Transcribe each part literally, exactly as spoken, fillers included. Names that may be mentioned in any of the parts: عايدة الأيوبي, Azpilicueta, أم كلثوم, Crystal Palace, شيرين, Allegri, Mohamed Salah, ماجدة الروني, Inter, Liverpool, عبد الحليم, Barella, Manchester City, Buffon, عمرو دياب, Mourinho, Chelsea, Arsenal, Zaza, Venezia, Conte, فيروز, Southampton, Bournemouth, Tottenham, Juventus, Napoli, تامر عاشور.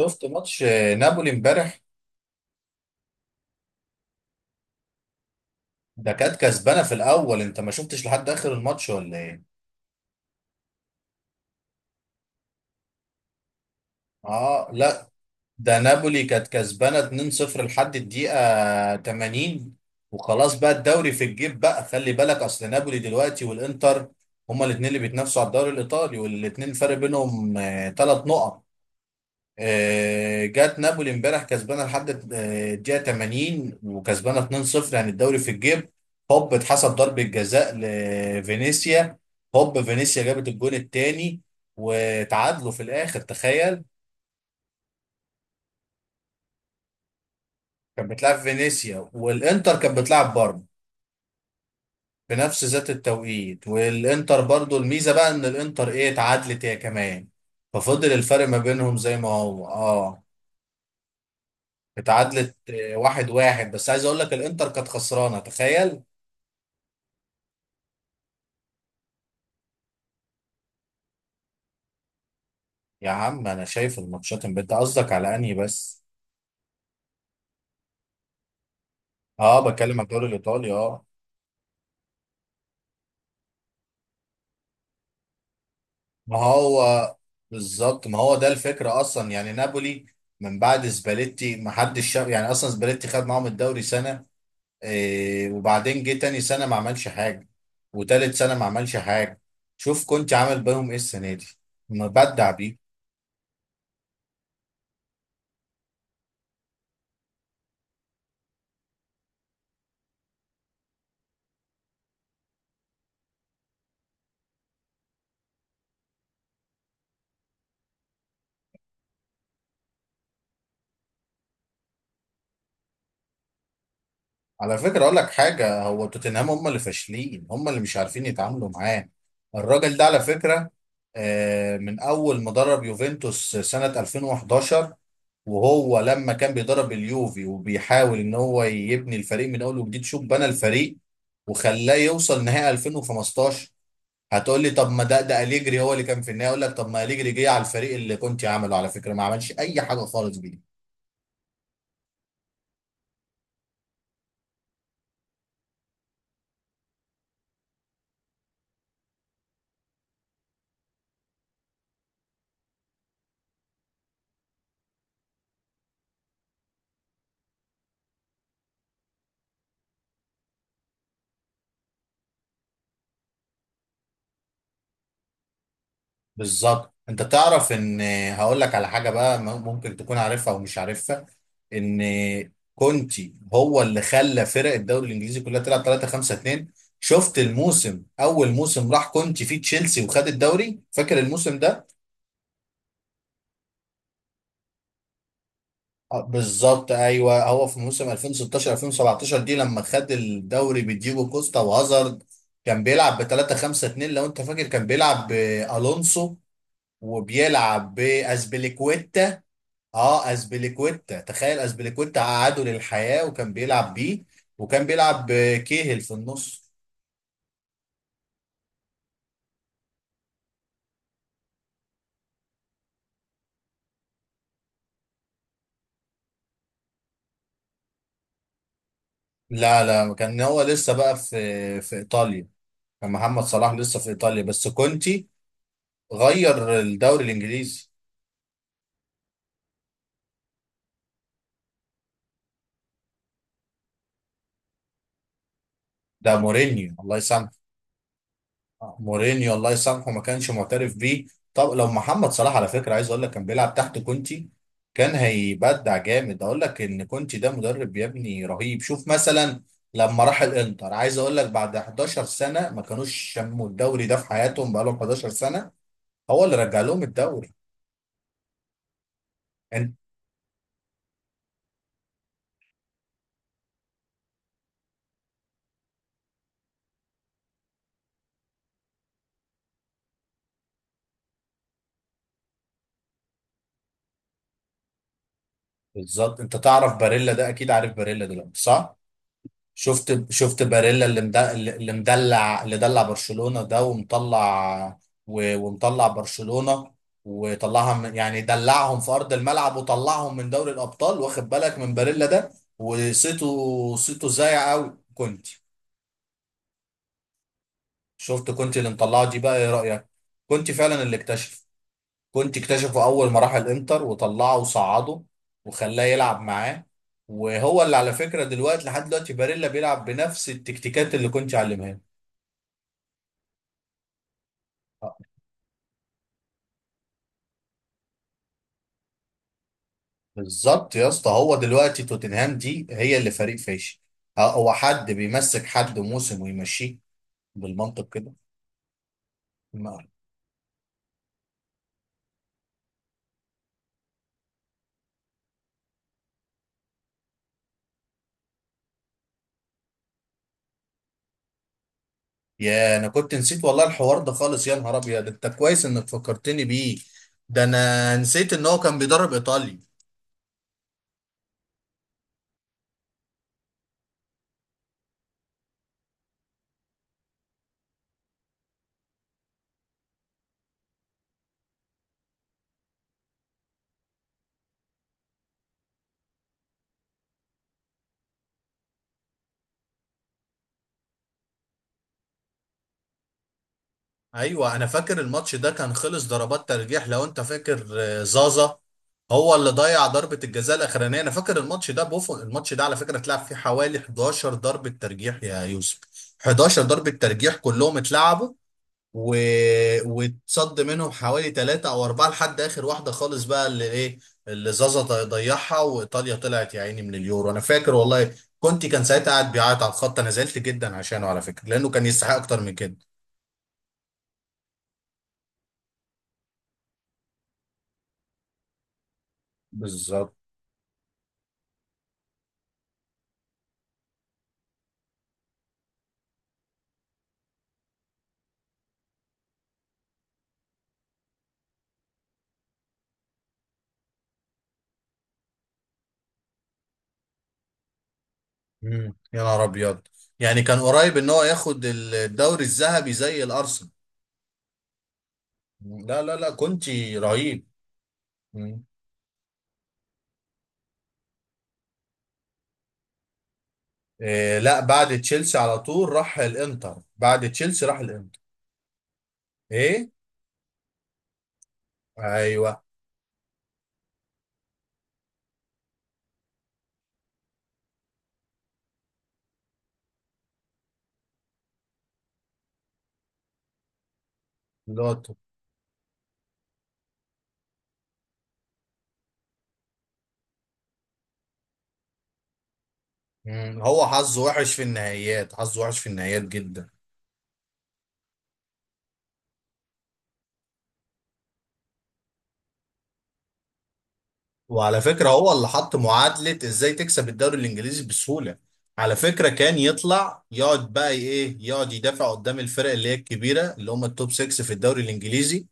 شفت ماتش نابولي امبارح. ده كانت كسبانه في الاول، انت ما شفتش لحد اخر الماتش ولا ايه؟ اه، لا. ده نابولي كانت كسبانه اتنين صفر لحد الدقيقه تمانين، وخلاص بقى الدوري في الجيب بقى. خلي بالك، اصل نابولي دلوقتي والانتر هما الاثنين اللي بيتنافسوا على الدوري الايطالي، والاثنين الفرق بينهم ثلاث نقط. آه، جات نابولي امبارح كسبانه لحد آه، الدقيقه تمانين وكسبانه اتنين صفر، يعني الدوري في الجيب. هوب اتحسب ضربه جزاء لفينيسيا، هوب فينيسيا جابت الجون الثاني وتعادلوا في الاخر، تخيل. كانت بتلعب فينيسيا، والانتر كانت بتلعب برضه في نفس ذات التوقيت. والانتر برضه الميزه بقى ان الانتر ايه اتعادلت هي كمان، ففضل الفرق ما بينهم زي ما هو. اه، اتعادلت آه، واحد واحد، بس عايز اقول لك الانتر كانت خسرانه تخيل. يا عم انا شايف الماتشات امبارح، انت قصدك على انهي بس؟ اه، بتكلم على الدوري الايطالي اه. ما هو بالظبط، ما هو ده الفكره اصلا. يعني نابولي من بعد سباليتي ما حدش شاف. يعني اصلا سباليتي خد معاهم الدوري سنه، إيه وبعدين جه تاني سنه ما عملش حاجه، وتالت سنه ما عملش حاجه. شوف كنت عامل بيهم ايه السنه دي، مبدع بيه. على فكرة أقول لك حاجة، هو توتنهام هم اللي فاشلين، هم اللي مش عارفين يتعاملوا معاه، الراجل ده على فكرة. آه، من أول ما درب يوفنتوس سنة الفين وحداشر، وهو لما كان بيدرب اليوفي وبيحاول إن هو يبني الفريق من أول وجديد، شوف بنى الفريق وخلاه يوصل نهائي الفين وخمستاشر. هتقول لي طب ما ده ده أليجري هو اللي كان في النهائي، أقول لك طب ما أليجري جه على الفريق اللي كنت عامله، على فكرة ما عملش أي حاجة خالص بيه. بالظبط، انت تعرف ان، هقول لك على حاجه بقى م- ممكن تكون عارفها او مش عارفها، ان كونتي هو اللي خلى فرق الدوري الانجليزي كلها تلعب ثلاثة خمسة اتنين. شفت الموسم، اول موسم راح كونتي فيه تشيلسي وخد الدوري، فاكر الموسم ده؟ آه، بالظبط، ايوه هو في موسم الفين وستاشر الفين وسبعتاشر دي لما خد الدوري بديجو كوستا وهازارد، كان بيلعب ب تلاتة خمسة اتنين. لو انت فاكر كان بيلعب بالونسو وبيلعب باسبليكويتا. اه، اسبليكويتا تخيل، اسبليكويتا قعده للحياة وكان بيلعب بيه، وكان بيلعب كيهل في النص. لا لا، كان هو لسه بقى في في ايطاليا. كان محمد صلاح لسه في ايطاليا، بس كونتي غير الدوري الانجليزي. ده مورينيو الله يسامحه، مورينيو الله يسامحه ما كانش معترف بيه. طب لو محمد صلاح على فكره، عايز اقول لك كان بيلعب تحت كونتي كان هيبدع جامد. اقول لك ان كونتي ده مدرب يا ابني رهيب، شوف مثلا لما راح الانتر، عايز اقول لك بعد حداشر سنة سنه ما كانوش شموا الدوري ده في حياتهم، بقى لهم حداشر سنة سنه، هو اللي رجع لهم الدوري. انت بالظبط، انت تعرف باريلا ده، اكيد عارف باريلا دلوقتي صح؟ شفت شفت باريلا اللي مد- اللي مدلع، اللي دلع برشلونة ده ومطلع و- ومطلع برشلونة، وطلعها من يعني دلعهم في أرض الملعب وطلعهم من دوري الأبطال، واخد بالك من باريلا ده؟ وصيته، صيته زايع قوي كنت. شفت كنت اللي مطلعه دي، بقى ايه رأيك؟ كنت فعلا اللي اكتشف، كنت اكتشفه أول ما راح الإنتر وطلعه وصعده وخلاه يلعب معاه. وهو اللي على فكرة دلوقتي، لحد دلوقتي باريلا بيلعب بنفس التكتيكات اللي كنت علمها له. بالظبط يا اسطى، هو دلوقتي توتنهام دي هي اللي فريق فاشل. اه، هو حد بيمسك حد موسم ويمشيه بالمنطق كده؟ ما- يا انا كنت نسيت والله الحوار ده خالص، يا نهار ابيض انت كويس انك فكرتني بيه. ده انا نسيت ان هو كان بيدرب ايطاليا. ايوه انا فاكر الماتش ده، كان خلص ضربات ترجيح. لو انت فاكر آه، زازا هو اللي ضيع ضربة الجزاء الاخرانية، انا فاكر الماتش ده بوفون. الماتش ده على فكرة اتلعب فيه حوالي حداشر ضربة ترجيح يا يوسف، حداشر ضربة ترجيح كلهم اتلعبوا و... واتصد منهم حوالي ثلاثة او اربعة لحد اخر واحدة خالص، بقى اللي ايه اللي زازا ضي- ضيعها، وايطاليا طلعت يا عيني من اليورو. انا فاكر والله، كنت كان ساعتها قاعد بيعيط على الخط، انا زعلت جدا عشانه على فكرة لانه كان يستحق اكتر من كده. بالظبط. مم. يا نهار ابيض، يعني كان قريب ان هو ياخد الدوري الذهبي زي الارسنال. مم. لا لا لا، كونتي رهيب. مم. إيه لا، بعد تشيلسي على طول راح الانتر، بعد تشيلسي راح الانتر. ايه، ايوه. لوتو. مم. هو حظه وحش في النهائيات، حظه وحش في النهائيات جدا. وعلى فكرة هو اللي حط معادلة ازاي تكسب الدوري الانجليزي بسهولة. على فكرة كان يطلع يقعد بقى ايه، يقعد يدافع قدام الفرق اللي هي الكبيرة، اللي هم التوب ستة في الدوري الانجليزي،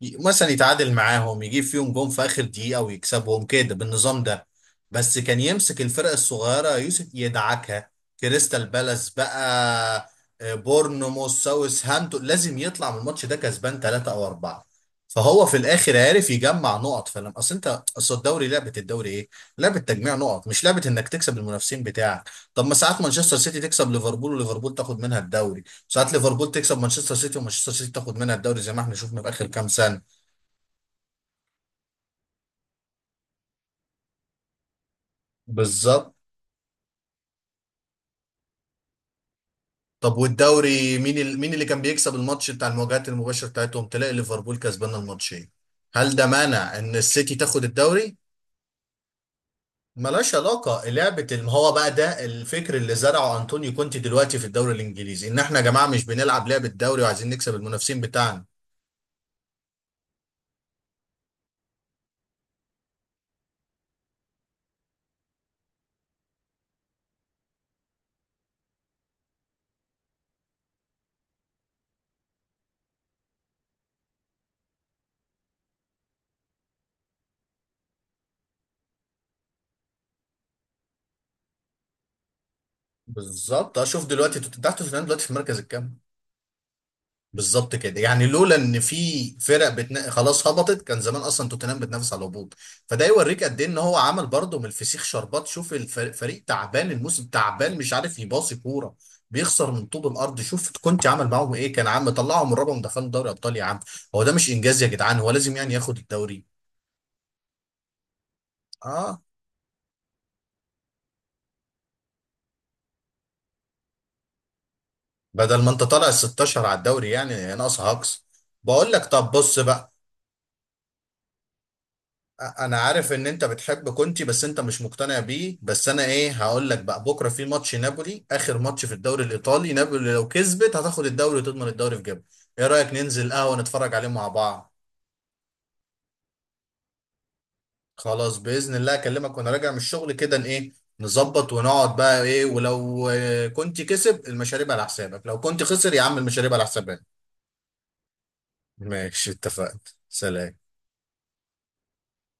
ي- مثلا يتعادل معاهم يجيب فيهم جون في اخر دقيقة ويكسبهم كده بالنظام ده. بس كان يمسك الفرق الصغيرة يوسف يدعكها، كريستال بالاس بقى، آه، بورنموث، ساوث هامبتون لازم يطلع من الماتش ده كسبان ثلاثة او اربعة، فهو في الاخر عارف يجمع نقط. فلما اصل انت، اصل الدوري لعبه، الدوري ايه؟ لعبه تجميع نقط، مش لعبه انك تكسب المنافسين بتاعك. طب ما ساعات مانشستر سيتي تكسب ليفربول وليفربول تاخد منها الدوري، ساعات ليفربول تكسب مانشستر سيتي ومانشستر سيتي تاخد منها الدوري، زي ما احنا شفنا في اخر كام سنه. بالظبط. طب والدوري، مين ال... مين اللي كان بيكسب الماتش بتاع المواجهات المباشره بتاعتهم؟ تلاقي ليفربول كسبان الماتشين، هل ده مانع ان السيتي تاخد الدوري؟ ملهاش علاقة لعبة الم- هو بقى ده الفكر اللي زرعه أنطونيو كونتي دلوقتي في الدوري الإنجليزي، إن إحنا يا جماعة مش بنلعب لعبة دوري وعايزين نكسب المنافسين بتاعنا. بالظبط، أشوف دلوقتي توت- تحت توتنهام دلوقتي في المركز الكام. بالظبط كده، يعني لولا ان في فرق بتنا... خلاص هبطت كان زمان اصلا توتنهام بتنافس على الهبوط. فده يوريك قد ايه ان هو عمل برضه من الفسيخ شربات. شوف الفريق، فريق تعبان، الموسم تعبان، مش عارف يباصي كوره، بيخسر من طوب الارض، شوف كنت عمل معاهم ايه، كان عم طلعهم من الرابع ودخلهم دوري ابطال يا عم. هو ده مش انجاز يا جدعان، هو لازم يعني ياخد الدوري؟ اه، بدل ما انت طالع ال ستة عشر على الدوري يعني ناقص هاكس. بقول لك طب بص بقى، انا عارف ان انت بتحب كونتي بس انت مش مقتنع بيه، بس انا ايه هقول لك بقى؟ بكره في ماتش نابولي، اخر ماتش في الدوري الايطالي، نابولي لو كسبت هتاخد الدوري وتضمن الدوري في جيبها. ايه رايك ننزل قهوه نتفرج عليه مع بعض؟ خلاص باذن الله، اكلمك وانا راجع من الشغل كده ن- ايه، نظبط ونقعد بقى ايه. ولو آه، كنت كسب المشاريب على حسابك، لو كنت خسر يا عم المشاريب على حسابك. ماشي اتفقنا. سلام.